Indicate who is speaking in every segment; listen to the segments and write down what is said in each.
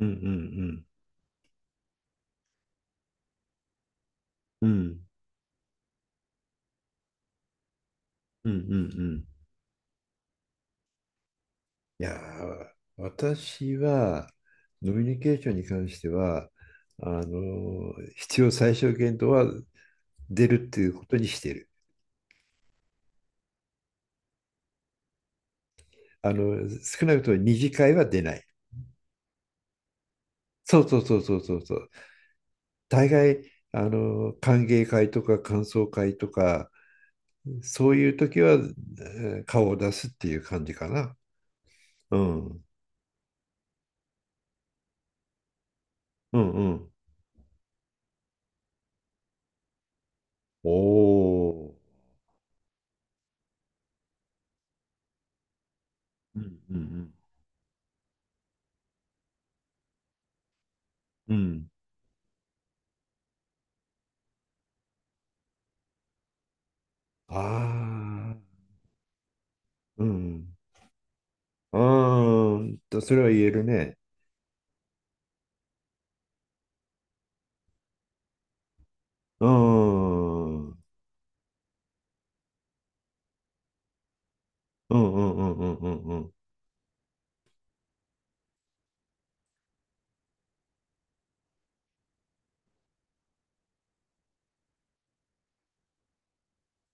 Speaker 1: うんうんうんうんうんうんうん。いやー、私はノミニケーションに関しては、必要最小限度は出るっていうことにしてる。少なくとも二次会は出ない。そうそうそうそうそうそう。大概歓迎会とか感想会とかそういう時は、顔を出すっていう感じかな。うんうんうん。おお。うんうんうん。うん、ああ、うん。それは言えるね。うーん。うんうんうんうんうんうん。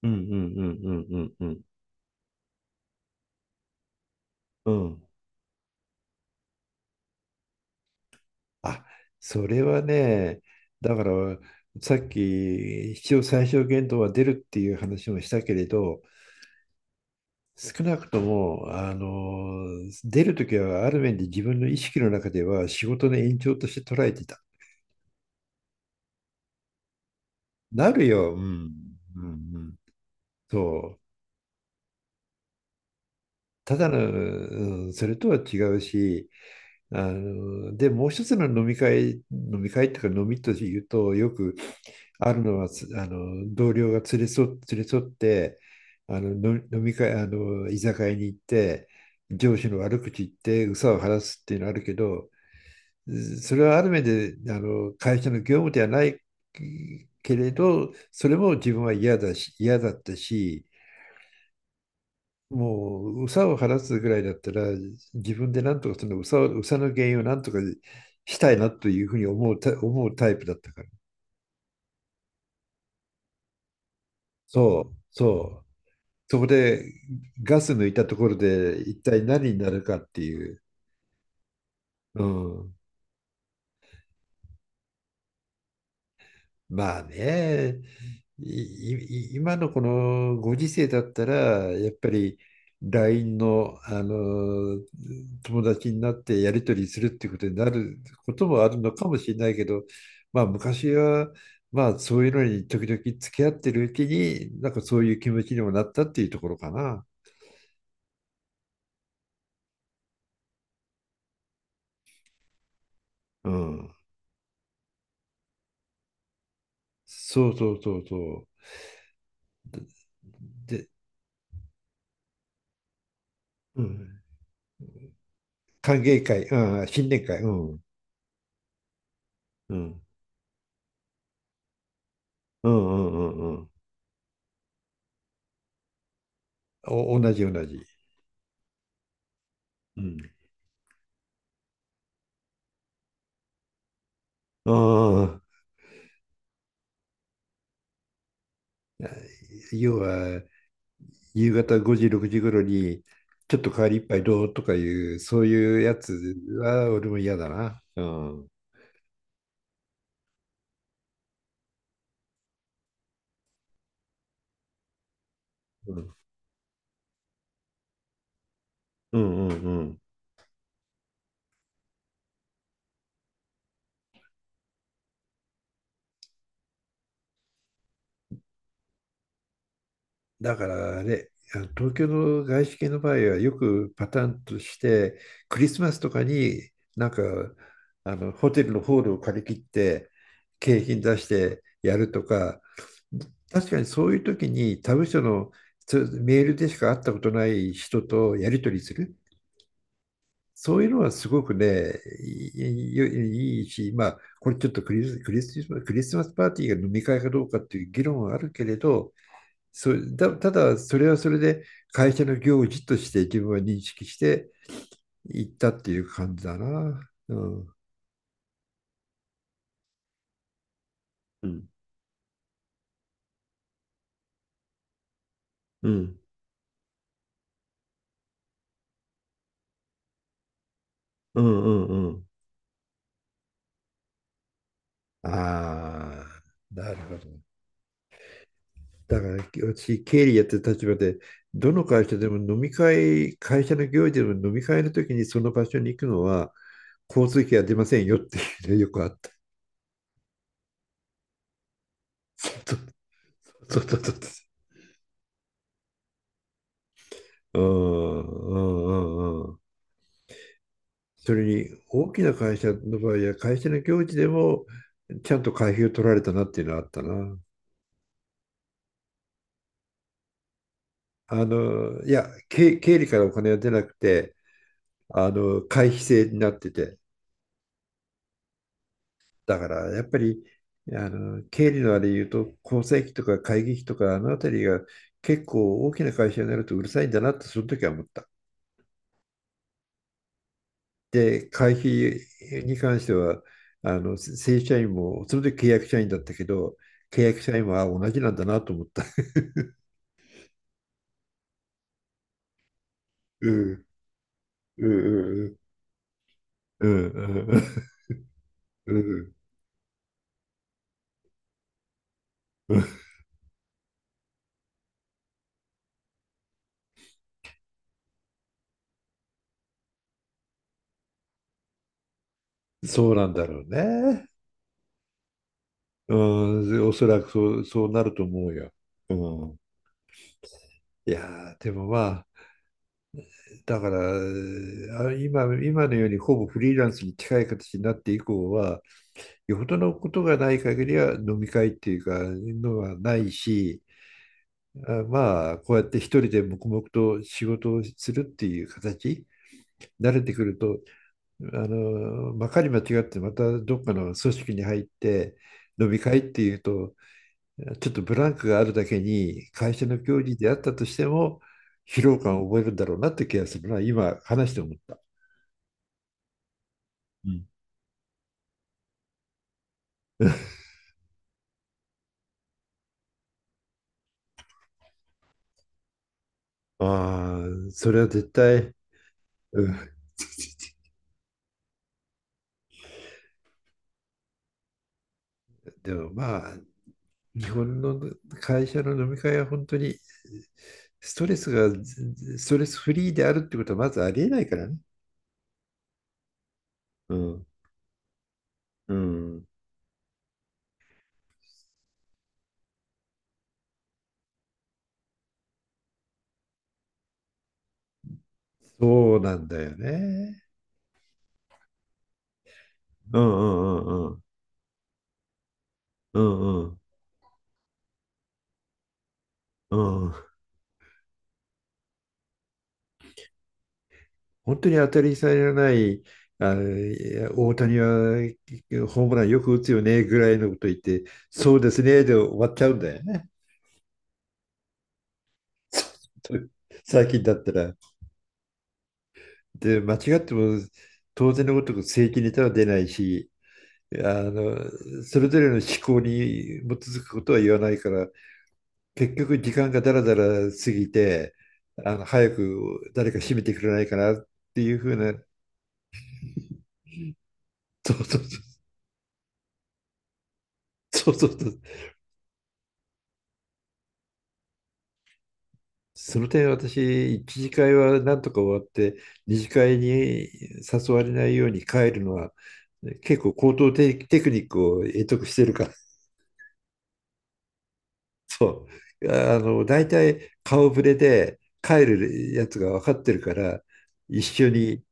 Speaker 1: うんうんうんうんうんうんうん。うんうんうんうんうんうん。あ、それはね、だから、さっき、必要最小限度は出るっていう話もしたけれど、少なくとも、出るときはある面で自分の意識の中では仕事の延長として捉えてた。なるよ。うん。うんうん。そう。ただの、うん、それとは違うし、で、もう一つの飲み会、飲み会っていうか飲みというと、よくあるのは、つあの、同僚が連れ添って、の飲み会、居酒屋に行って、上司の悪口言って、憂さを晴らすっていうのあるけど、それはある面で、会社の業務ではないけれど、それも自分は嫌だし、嫌だったし、もう、ウさを晴らすぐらいだったら、自分でなんとかそのウさを、憂さの原因をなんとかしたいなというふうに思うタイプだったから。そう、そう。そこでガス抜いたところで一体何になるかっていう。うん。まあね、い、今のこのご時世だったら、やっぱり LINE の、あの友達になってやり取りするってことになることもあるのかもしれないけど、まあ昔は、まあそういうのに時々付き合ってるうちに、なんかそういう気持ちにもなったっていうところかな。うん。そうそうそうそう。で、うん。歓迎会、うん、新年会、うん。うん。うんうんうんうん。お、同じ同じ。うん。ああ、要は夕方5時、6時頃にちょっと代わり一杯どうとかいう、そういうやつは俺も嫌だな。うん。うん、うん、うん。うん。だからね、あの東京の外資系の場合はよくパターンとして、クリスマスとかに、なんかあのホテルのホールを借り切って景品出してやるとか、確かにそういう時に他部署のメールでしか会ったことない人とやり取りする、そういうのはすごくね、いいし、まあ、これちょっとクリス、クリスマス、クリスマスパーティーが飲み会かどうかっていう議論はあるけれど、ただそれはそれで会社の行事として自分は認識していったっていう感じだな。うん、うん、うん、うん、うん。うん、ああ、なるほどね。だから私、経理やってる立場で、どの会社でも飲み会、会社の行事でも飲み会の時にその場所に行くのは、交通費は出ませんよっていうね、よくあった。そうそうそうそう、うんうんうんうん。それに大きな会社の場合は会社の行事でもちゃんと会費を取られたなっていうのはあったな。いや、経理からお金は出なくて、あの会費制になってて、だからやっぱりあの経理のあれ言うと、構成費とか会議費とか、あのあたりが結構大きな会社になるとうるさいんだなってその時は思った。で、会費に関してはあの正社員もその時契約社員だったけど、契約社員は同じなんだなと思った。うんうんうんうんうんうんうん。そうなんだろうね。うん、おそらくそうなると思うよ。うん、いやーでもまあだから、今のようにほぼフリーランスに近い形になって以降は、よほどのことがない限りは飲み会っていうか、のはないし、あ、まあ、こうやって一人で黙々と仕事をするっていう形、慣れてくると、まかり間違ってまたどっかの組織に入って、飲み会っていうと、ちょっとブランクがあるだけに、会社の行事であったとしても、疲労感を覚えるんだろうなって気がするな、今話して思った。うん、ああ、それは絶対、うん。でもまあ、日本の会社の飲み会は本当にストレスフリーであるってことはまずありえないからね。うん。うん。そうなんだよね。うんうんうんうんうんうんうん。本当に当たり障りのない、いや、大谷はホームランよく打つよねぐらいのこと言って、そうですねで終わっちゃうんだよね。最近だったら。で、間違っても当然のごとく正規ネタは出ないし、あの、それぞれの思考に基づくことは言わないから、結局時間がだらだら過ぎて、早く誰か締めてくれないかなっていうふうな。そうそうそう、そうそうそう。その点私、一次会はなんとか終わって、二次会に誘われないように帰るのは、結構高等テクニックを得得してるから。そう。大体顔ぶれで帰るやつが分かってるから、一緒に、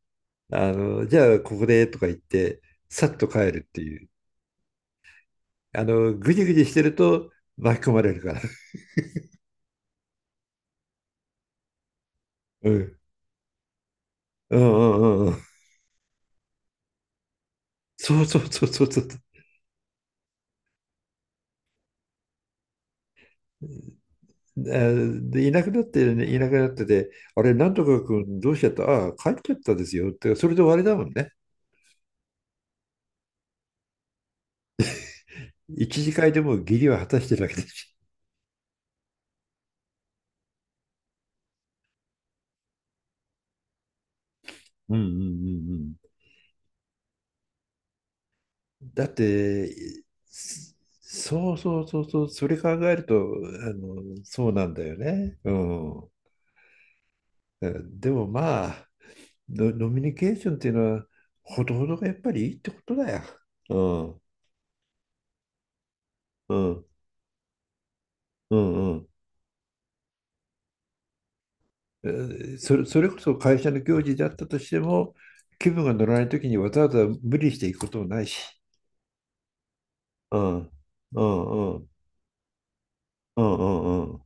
Speaker 1: じゃあここでとか言って、さっと帰るっていう。ぐじぐじしてると巻き込まれるから。うん。うんうんうんうん。そうそうそうそうそう。で、いなくなってて、あれ、なんとか君どうしちゃった、ああ、帰っちゃったですよ、って、それで終わりだもんね。一次会でも義理は果たしてるわけだし。うんうんうんうん。だって、そうそうそうそう、それ考えると、そうなんだよね。うん。でもまあ、ノミニケーションっていうのは、ほどほどがやっぱりいいってことだよ。うん、うん、うん、うん。それこそ会社の行事であったとしても、気分が乗らないときにわざわざ無理していくこともないし。うん、うん、うん、うん、うん、うん。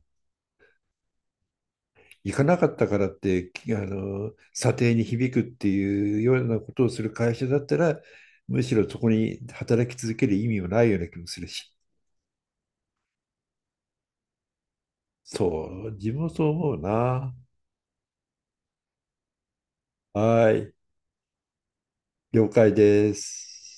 Speaker 1: 行かなかったからって、きあの、査定に響くっていうようなことをする会社だったら、むしろそこに働き続ける意味もないような気もするし。そう、自分もそう思うな。はい、了解です。